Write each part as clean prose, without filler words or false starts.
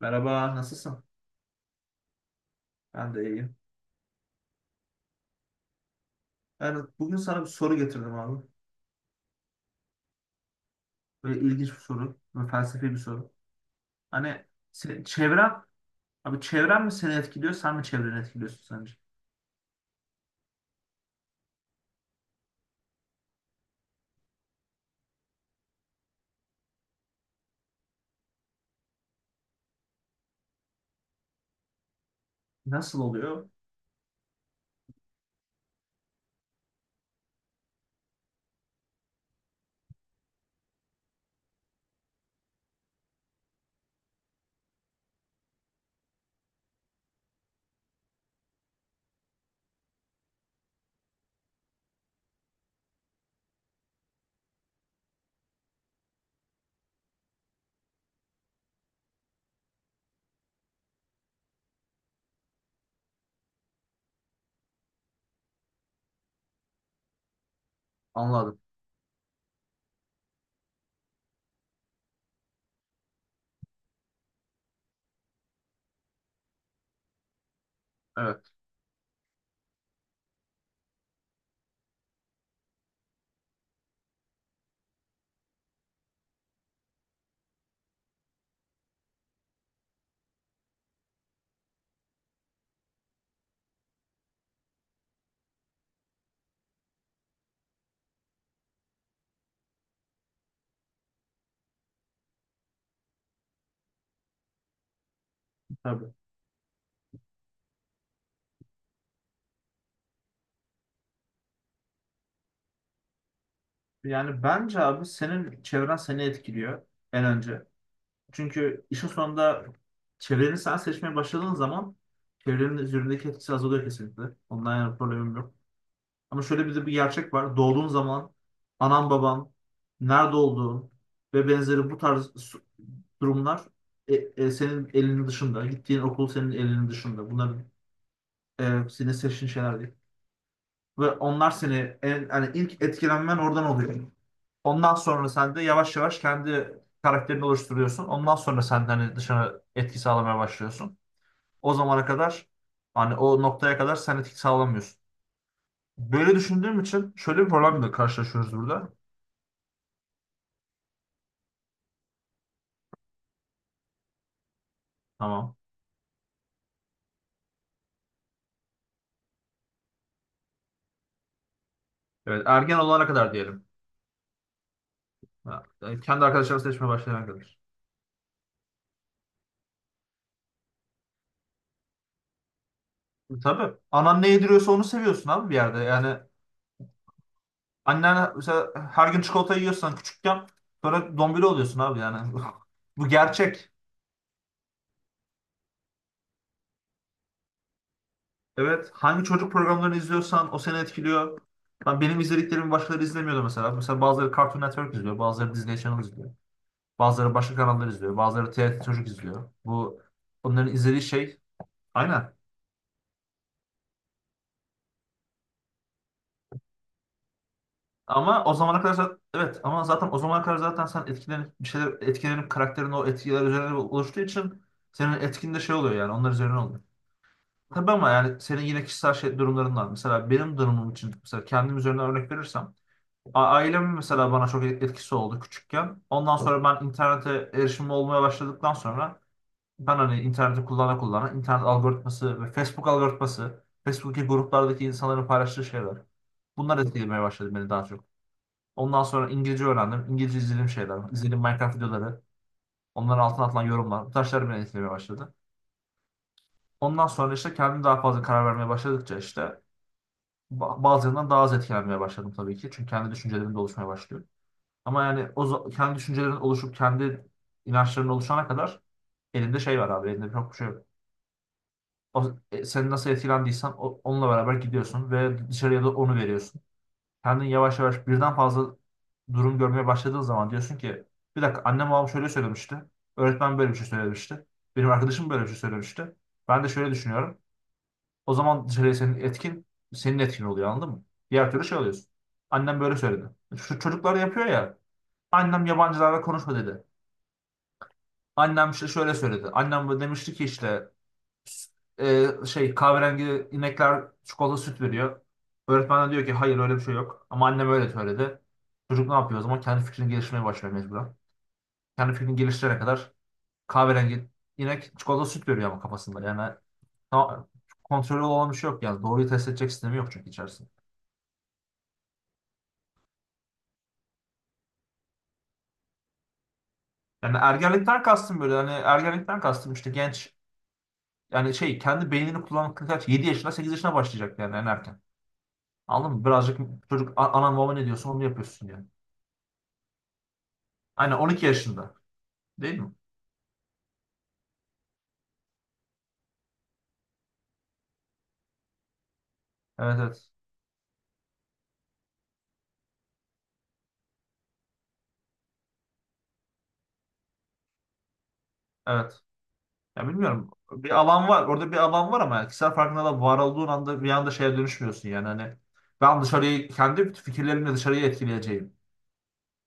Merhaba, nasılsın? Ben de iyiyim. Yani bugün sana bir soru getirdim abi. Böyle ilginç bir soru, böyle felsefi bir soru. Hani çevren, abi çevren mi seni etkiliyor, sen mi çevreni etkiliyorsun sence? Nasıl oluyor? Anladım. Evet. Tabii. Yani bence abi senin çevren seni etkiliyor en önce. Çünkü işin sonunda çevreni sen seçmeye başladığın zaman çevrenin üzerindeki etkisi azalıyor kesinlikle. Ondan yana problemim yok. Ama şöyle bir de bir gerçek var. Doğduğun zaman anan baban nerede olduğun ve benzeri bu tarz durumlar senin elinin dışında. Gittiğin okul senin elinin dışında. Bunlar senin seçtiğin şeyler değil. Ve onlar seni yani ilk etkilenmen oradan oluyor. Ondan sonra sen de yavaş yavaş kendi karakterini oluşturuyorsun. Ondan sonra sen de hani dışına etki sağlamaya başlıyorsun. O zamana kadar hani o noktaya kadar sen etki sağlamıyorsun. Böyle düşündüğüm için şöyle bir problemle karşılaşıyoruz burada. Tamam. Evet, ergen olana kadar diyelim. Ha, yani kendi arkadaşlarını seçmeye başlayana kadar. Tabii. Anan ne yediriyorsa onu seviyorsun abi bir yerde. Yani annen mesela her gün çikolata yiyorsan küçükken sonra dombili oluyorsun abi yani. Bu gerçek. Evet. Hangi çocuk programlarını izliyorsan o seni etkiliyor. Ben benim izlediklerimi başkaları izlemiyordu mesela. Mesela bazıları Cartoon Network izliyor, bazıları Disney Channel izliyor. Bazıları başka kanallar izliyor, bazıları TRT Çocuk izliyor. Bu onların izlediği şey aynen. Ama o zamana kadar zaten, evet ama zaten o zamana kadar zaten sen etkilenip bir şeyler etkilenip karakterin o etkiler üzerine oluştuğu için senin etkin de şey oluyor yani onlar üzerine oluyor. Tabii ama yani senin yine kişisel şey, durumların var. Mesela benim durumum için mesela kendim üzerinden örnek verirsem ailemin mesela bana çok etkisi oldu küçükken. Ondan sonra ben internete erişimim olmaya başladıktan sonra ben hani interneti kullana kullana internet algoritması ve Facebook algoritması, Facebook'taki gruplardaki insanların paylaştığı şeyler. Bunlar etkilemeye başladı beni daha çok. Ondan sonra İngilizce öğrendim. İngilizce izlediğim şeyler, izlediğim Minecraft videoları, onların altına atılan yorumlar, bu taşlar beni etkilemeye başladı. Ondan sonra işte kendim daha fazla karar vermeye başladıkça işte bazılarından daha az etkilenmeye başladım tabii ki. Çünkü kendi düşüncelerim de oluşmaya başlıyor. Ama yani kendi düşüncelerin oluşup kendi inançların oluşana kadar elinde şey var abi, elinde çok bir şey yok. O, seni nasıl etkilendiysen onunla beraber gidiyorsun ve dışarıya da onu veriyorsun. Kendin yavaş yavaş birden fazla durum görmeye başladığın zaman diyorsun ki bir dakika, annem babam şöyle söylemişti. Öğretmen böyle bir şey söylemişti. Benim arkadaşım böyle bir şey söylemişti. Ben de şöyle düşünüyorum. O zaman dışarıya senin etkin oluyor, anladın mı? Diğer türlü şey oluyorsun. Annem böyle söyledi. Şu çocuklar yapıyor ya. Annem yabancılarla konuşma dedi. Annem işte şöyle söyledi. Annem böyle demişti ki işte şey, kahverengi inekler çikolata süt veriyor. Öğretmen de diyor ki hayır öyle bir şey yok. Ama annem öyle söyledi. Çocuk ne yapıyor o zaman? Kendi fikrini geliştirmeye başlıyor mecburen. Kendi fikrini geliştirene kadar kahverengi inek çikolata süt veriyor ama kafasında. Yani ta- kontrolü olan bir şey yok yani. Doğruyu test edecek sistemi yok çünkü içerisinde. Yani ergenlikten kastım böyle. Hani ergenlikten kastım işte genç, yani şey, kendi beynini kullanmakla kaç, 7 yaşına 8 yaşına başlayacak yani en erken. Anladın mı? Birazcık çocuk, Anam baba ne diyorsun onu yapıyorsun" yani. Aynen, 12 yaşında. Değil mi? Evet, evet. Evet. Ya bilmiyorum. Bir alan var. Orada bir alan var ama kişisel farkında da var olduğun anda bir anda şeye dönüşmüyorsun yani. Hani ben dışarıyı kendi fikirlerimle dışarıyı etkileyeceğim.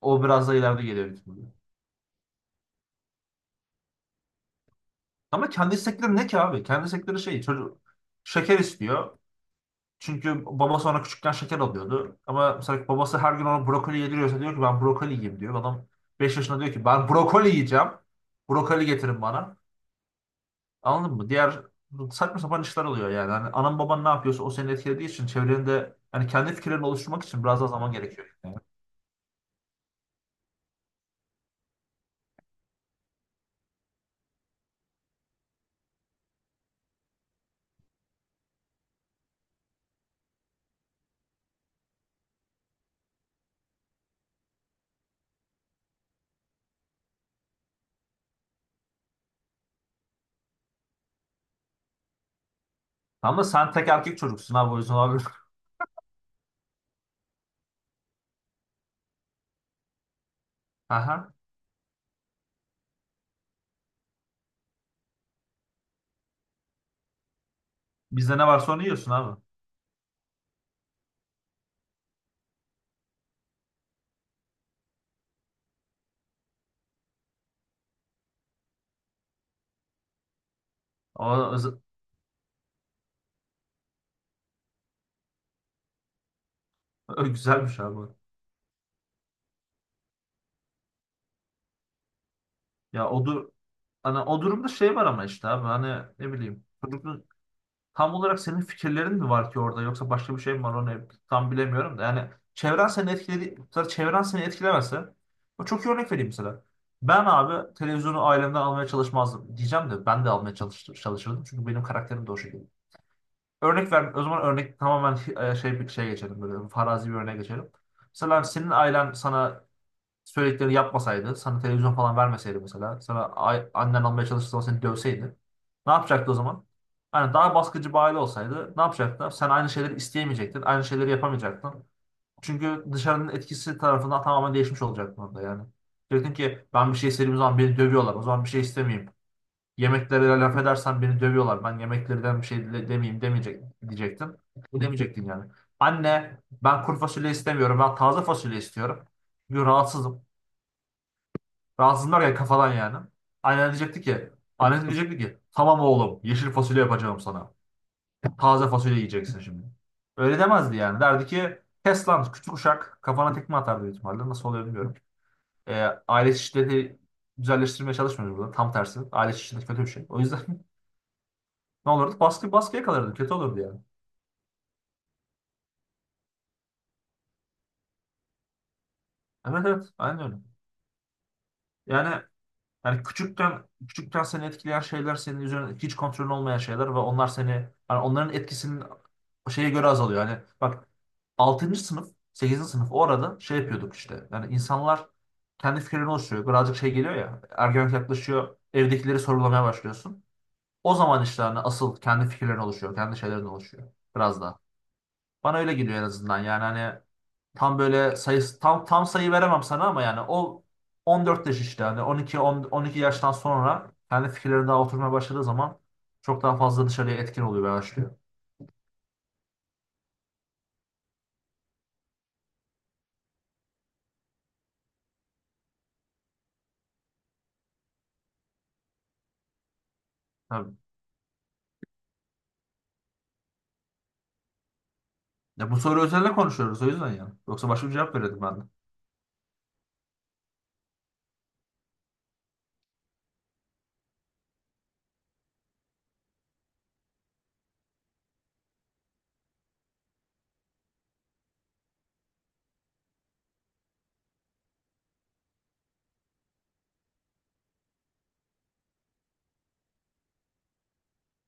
O biraz da ileride geliyor, büyük ihtimalle. Ama kendi istekleri ne ki abi? Kendi istekleri şey, çocuk şeker istiyor. Çünkü babası ona küçükken şeker alıyordu. Ama mesela babası her gün ona brokoli yediriyorsa diyor ki ben brokoli yiyeyim diyor. Adam 5 yaşında diyor ki ben brokoli yiyeceğim. Brokoli getirin bana. Anladın mı? Diğer saçma sapan işler oluyor yani. Hani anan baban ne yapıyorsa o seni etkilediği için çevrende, yani kendi fikirlerini oluşturmak için biraz daha zaman gerekiyor. Yani. Ama sen tek erkek çocuksun abi, o yüzden abi. Aha. Bizde ne varsa onu yiyorsun abi. O, o güzelmiş abi. Ya o, dur, hani o durumda şey var ama işte abi hani ne bileyim. Çocuk, tam olarak senin fikirlerin mi var ki orada, yoksa başka bir şey mi var onu tam bilemiyorum da. Yani çevren seni etkiledi, mesela çevren seni etkilemese, o çok iyi örnek vereyim mesela. Ben abi televizyonu ailemden almaya çalışmazdım diyeceğim de, ben de almaya çalışırdım çünkü benim karakterim de o şekilde. Örnek ver, o zaman örnek tamamen şey, bir şey geçelim, böyle farazi bir örnek geçelim. Mesela senin ailen sana söyledikleri yapmasaydı, sana televizyon falan vermeseydi mesela, sana annen almaya çalıştığı zaman seni dövseydi, ne yapacaktı o zaman? Hani daha baskıcı bir aile olsaydı ne yapacaktı? Sen aynı şeyleri isteyemeyecektin, aynı şeyleri yapamayacaktın. Çünkü dışarının etkisi tarafından tamamen değişmiş olacaktın orada yani. Diyecektin ki ben bir şey istediğim zaman beni dövüyorlar, o zaman bir şey istemeyeyim. Yemeklere laf edersen beni dövüyorlar, ben yemeklerden bir şey demeyeyim demeyecek, diyecektin. Bu demeyecektin yani. Anne ben kuru fasulye istemiyorum, ben taze fasulye istiyorum. Çünkü rahatsızım. Rahatsızlar ya kafadan yani. Annen diyecekti ki, annen diyecekti ki, tamam oğlum yeşil fasulye yapacağım sana. Taze fasulye yiyeceksin şimdi. Öyle demezdi yani. Derdi ki kes lan küçük uşak, kafana tekme atar büyük ihtimalle. Nasıl oluyor bilmiyorum. Ee, aile şiddeti güzelleştirmeye çalışmıyoruz burada. Tam tersi. Aile şiddeti kötü bir şey. O yüzden ne olurdu? Baskıya kalırdı. Kötü olurdu yani. Evet, evet. Aynen öyle. Yani Yani küçükten küçükten seni etkileyen şeyler, senin üzerine hiç kontrolün olmayan şeyler ve onlar seni, yani onların etkisinin şeye göre azalıyor. Yani bak, 6. sınıf, 8. sınıf, o arada şey yapıyorduk işte. Yani insanlar kendi fikirlerini oluşturuyor. Birazcık şey geliyor ya, ergenlik yaklaşıyor. Evdekileri sorgulamaya başlıyorsun. O zaman işte hani asıl kendi fikirlerin oluşuyor. Kendi şeylerin oluşuyor. Biraz daha. Bana öyle geliyor en azından. Yani hani tam böyle sayısı tam sayı veremem sana, ama yani o 14 yaş işte, hani 12, 10, 12 yaştan sonra kendi fikirleri daha oturmaya başladığı zaman çok daha fazla dışarıya etkin oluyor ve başlıyor. Tabii. Ya bu soru üzerine konuşuyoruz o yüzden yani. Yoksa başka bir cevap verirdim ben de.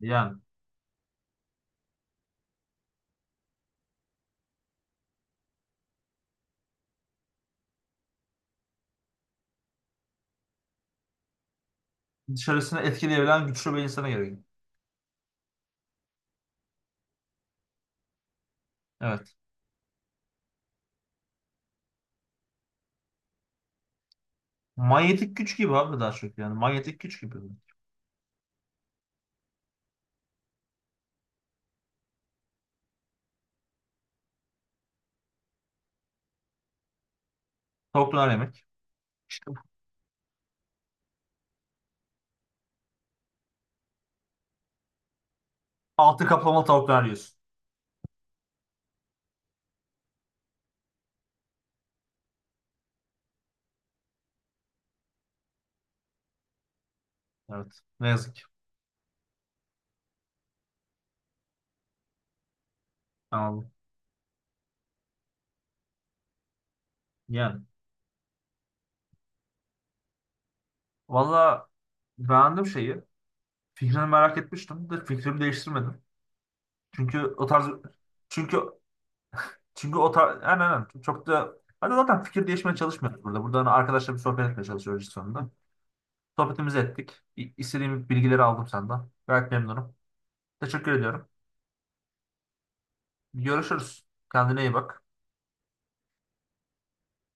Yani dışarısını etkileyebilen güçlü bir insana gerekiyor. Evet. Manyetik güç gibi abi, daha çok yani. Manyetik güç gibi. Tavuk döner yemek. İşte bu. Altı kaplamalı tavuk döner yiyorsun. Evet. Ne yazık ki. Anladım. Yani. Valla beğendim şeyi. Fikrini merak etmiştim de fikrimi değiştirmedim. Çünkü o tarz, çünkü çünkü o tarz, aynen, aynen. Çok da, hadi zaten fikir değişmeye çalışmıyoruz burada. Burada hani arkadaşla bir sohbet etmeye çalışıyoruz işte sonunda. Sohbetimizi ettik. İstediğim bilgileri aldım senden. Gayet memnunum. Teşekkür ediyorum. Görüşürüz. Kendine iyi bak.